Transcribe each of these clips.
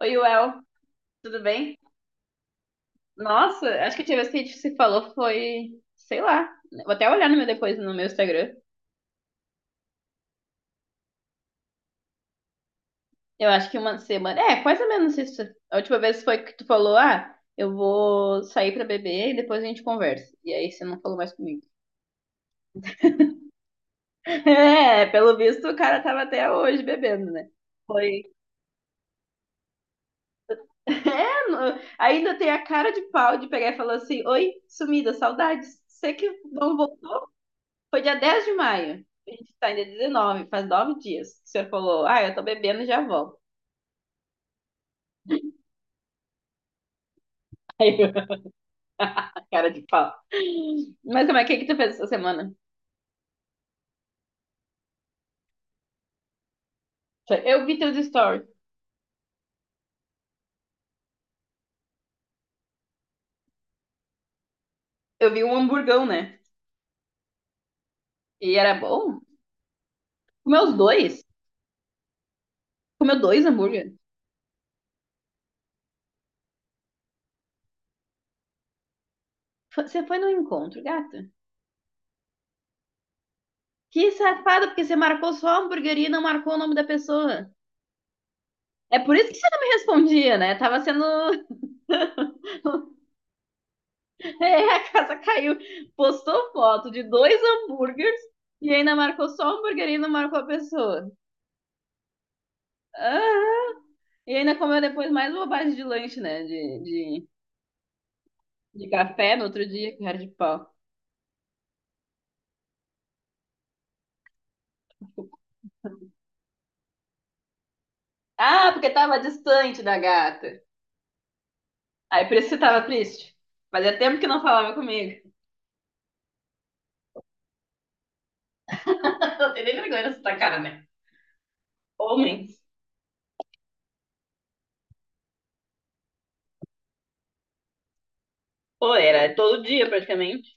Oi, Uel, tudo bem? Nossa, acho que a última vez que a gente se falou foi, sei lá, vou até olhar no meu depois no meu Instagram. Eu acho que uma semana, é, mais ou menos isso. A última vez foi que tu falou, ah, eu vou sair pra beber e depois a gente conversa. E aí você não falou mais comigo. É, pelo visto o cara tava até hoje bebendo, né? Foi. É, ainda tem a cara de pau de pegar e falar assim, oi, sumida, saudades. Você que não voltou? Foi dia 10 de maio. A gente tá ainda 19, faz 9 dias. Que O senhor falou, ah, eu tô bebendo e já volto. Aí eu, cara de pau. Mas como é que tu fez essa semana? Eu vi teus stories. Eu vi um hamburgão, né? E era bom. Comeu os dois. Comeu dois hambúrguer. Você foi no encontro, gata. Que safada, porque você marcou só a hamburgueria e não marcou o nome da pessoa. É por isso que você não me respondia, né? Tava sendo… É, a casa caiu. Postou foto de dois hambúrgueres e ainda marcou só o hambúrguer e não marcou a pessoa. Aham. E ainda comeu depois mais bobagem de lanche, né? De café no outro dia, que cara de pau. Ah, porque tava distante da gata. Aí por isso você tava triste. Fazia tempo que não falava comigo. Não tem nem vergonha nessa cara, né? Homens. Pô, era todo dia praticamente.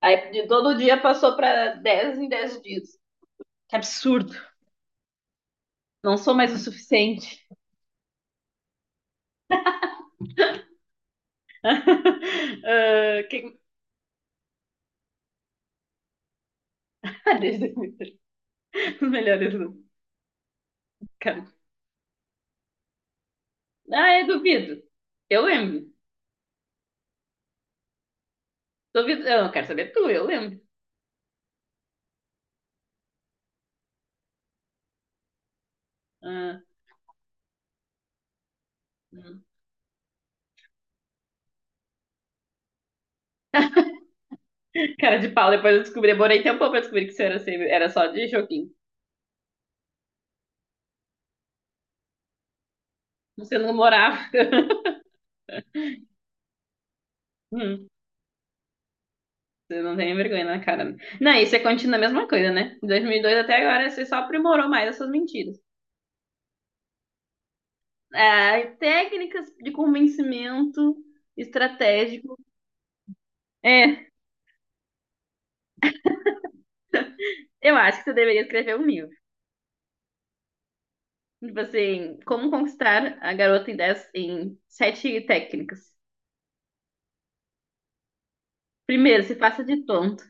Aí de todo dia passou pra 10 em 10 dias. Que absurdo. Não sou mais o suficiente. Ah, quem… Ah, desde… Os melhores do… Cara. Ah, eu duvido. Eu lembro. Duvido. Eu não quero saber tu, eu lembro. Ah, hum, cara de pau, depois eu descobri. Demorei tempo pra descobrir que isso era, era só de joguinho. Você não morava. Hum, você não tem vergonha na cara, né? Não, isso é, continua a mesma coisa, né? De 2002 até agora, você só aprimorou mais essas mentiras. Ah, técnicas de convencimento estratégico. É, eu acho que você deveria escrever um livro. Tipo assim, como conquistar a garota em, 10, em 7 técnicas. Primeiro, se faça de tonto.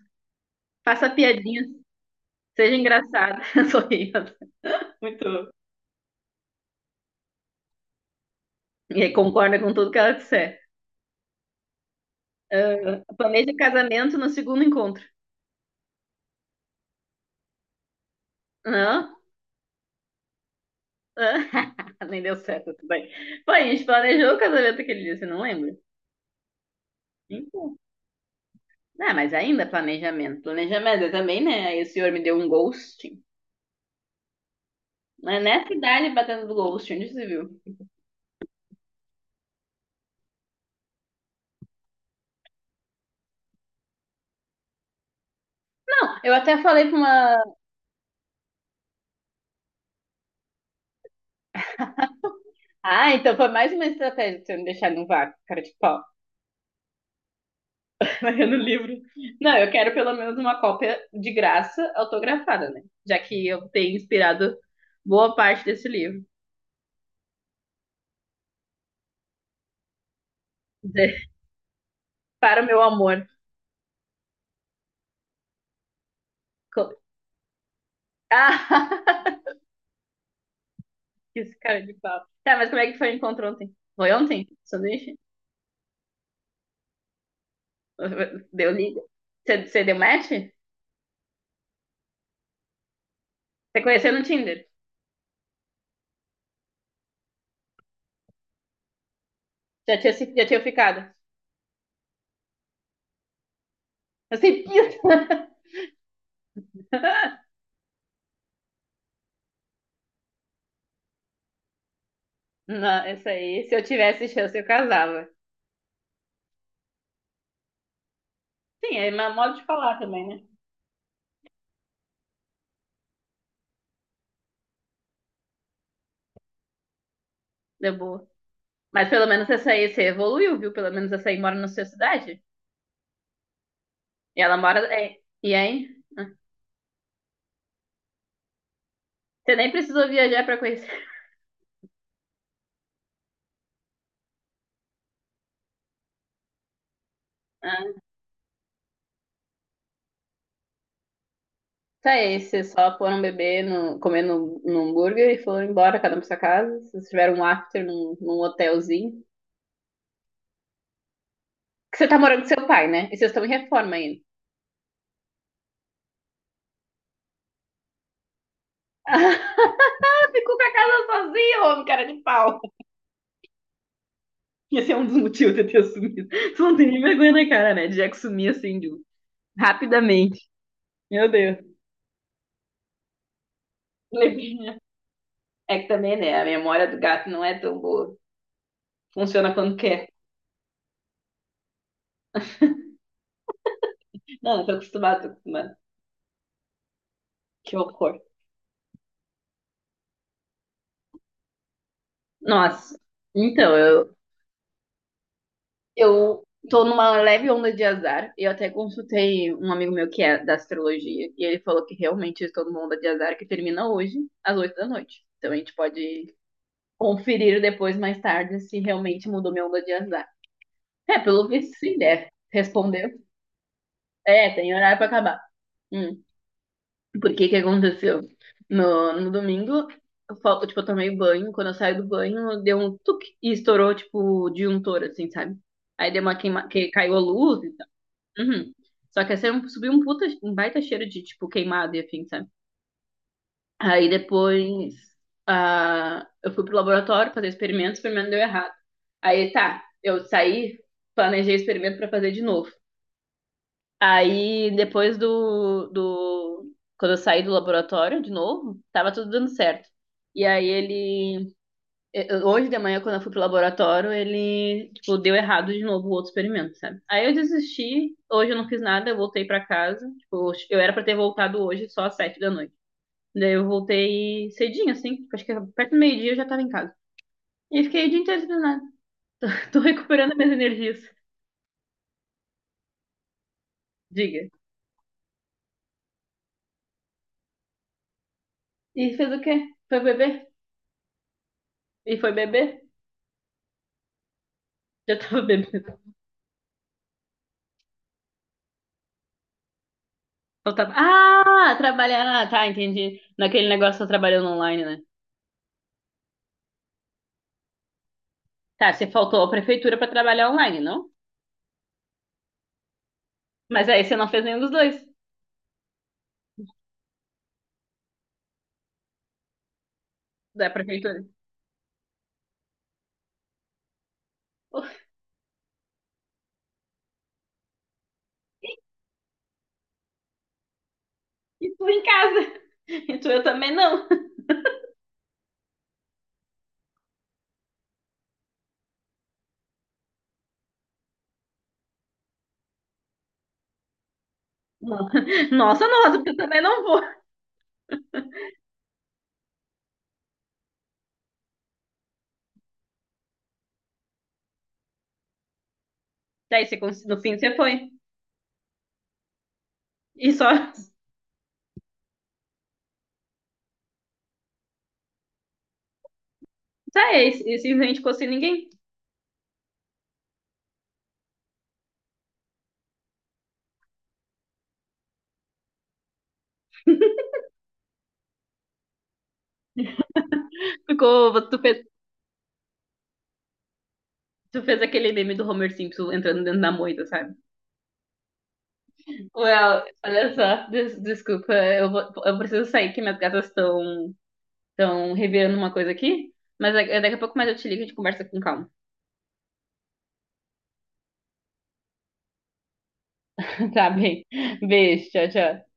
Faça piadinhas, seja engraçada, sorria. Muito. E aí concorda com tudo que ela disser. Ah, planeja casamento no segundo encontro. Não? Ah, nem deu certo, tudo bem. Pô, a gente planejou o casamento aquele dia, você não lembra? Então. Ah, mas ainda planejamento. Planejamento eu também, né? Aí o senhor me deu um ghosting. Mas nessa idade batendo do ghosting, onde você viu? Eu até falei pra uma… Ah, então foi mais uma estratégia de você me deixar no vácuo, cara de pau. Largando o livro. Não, eu quero pelo menos uma cópia de graça autografada, né? Já que eu tenho inspirado boa parte desse livro. Dizer, para o meu amor. Co- Ah, esse cara é de pau. Tá, mas como é que foi o encontro ontem? Foi ontem? Sanduíche? Deu liga? Você deu match? Você conheceu no Tinder? Já tinha, já tinha ficado? Eu sei, quis. Não, essa aí, se eu tivesse chance, eu casava. Sim, é meu modo de falar também, né? Deu boa. Mas pelo menos essa aí você evoluiu, viu? Pelo menos essa aí mora na sua cidade. E ela mora, é. E aí? Ah, você nem precisou viajar pra conhecer. Ah, tá aí, vocês só foram beber, no, comer no, no hambúrguer e foram embora, cada um pra sua casa. Vocês tiveram um after num, num hotelzinho. Que você tá morando com seu pai, né? E vocês estão em reforma ainda. Ficou com a casa sozinho, homem, cara de pau. Esse é um dos motivos de eu ter sumido. Você não tem nem vergonha na cara, né? De já que sumir assim, de… rapidamente. Meu Deus. Levinha. É que também, né? A memória do gato não é tão boa. Funciona quando quer. Não, eu tô acostumada, tô acostumada. Que horror. Nossa. Então, eu tô numa leve onda de azar. Eu até consultei um amigo meu que é da astrologia. E ele falou que realmente eu estou numa onda de azar que termina hoje, às 20h. Então a gente pode conferir depois, mais tarde, se realmente mudou minha onda de azar. É, pelo visto, sim, deve. Respondeu. É, tem horário pra acabar. Hum. Porque que aconteceu? No, no domingo, eu, tipo, eu tomei banho. Quando eu saí do banho, deu um tuque e estourou, tipo, o disjuntor, assim, sabe? Aí deu uma queima, que caiu a luz e tal. Uhum. Só que assim, subiu um puta, um baita cheiro de, tipo, queimado e afim, sabe? Aí depois, ah, eu fui pro laboratório fazer experimento, o experimento deu errado. Aí tá, eu saí, planejei experimento pra fazer de novo. Aí, depois do... Quando eu saí do laboratório de novo, tava tudo dando certo. E aí ele… Hoje de manhã, quando eu fui pro laboratório, ele, tipo, deu errado de novo o outro experimento, sabe? Aí eu desisti, hoje eu não fiz nada, eu voltei pra casa. Tipo, eu era pra ter voltado hoje só às 19h. Daí eu voltei cedinho, assim, acho que perto do meio-dia eu já tava em casa. E fiquei o dia inteiro sem nada. Tô recuperando minhas energias. Diga. E fez o quê? Foi beber? E foi beber? Já tava bebendo. Eu Ah, trabalhar. Ah, tá, entendi. Naquele negócio você trabalhando online, né? Tá, você faltou a prefeitura pra trabalhar online, não? Mas aí você não fez nenhum dos dois da prefeitura. E tu em casa. E tu eu também não. Nossa, nossa, porque eu também não vou. Daí você no fim você foi. E só. Tá, é, e simplesmente ficou sem ninguém. Ficou. Tu fez aquele meme do Homer Simpson entrando dentro da moita, sabe? Well, olha só, desculpa, eu vou, eu preciso sair que minhas gatas estão… Estão revirando uma coisa aqui. Mas daqui a pouco mais eu te ligo e a gente conversa com calma. Tá bem. Beijo, tchau, tchau.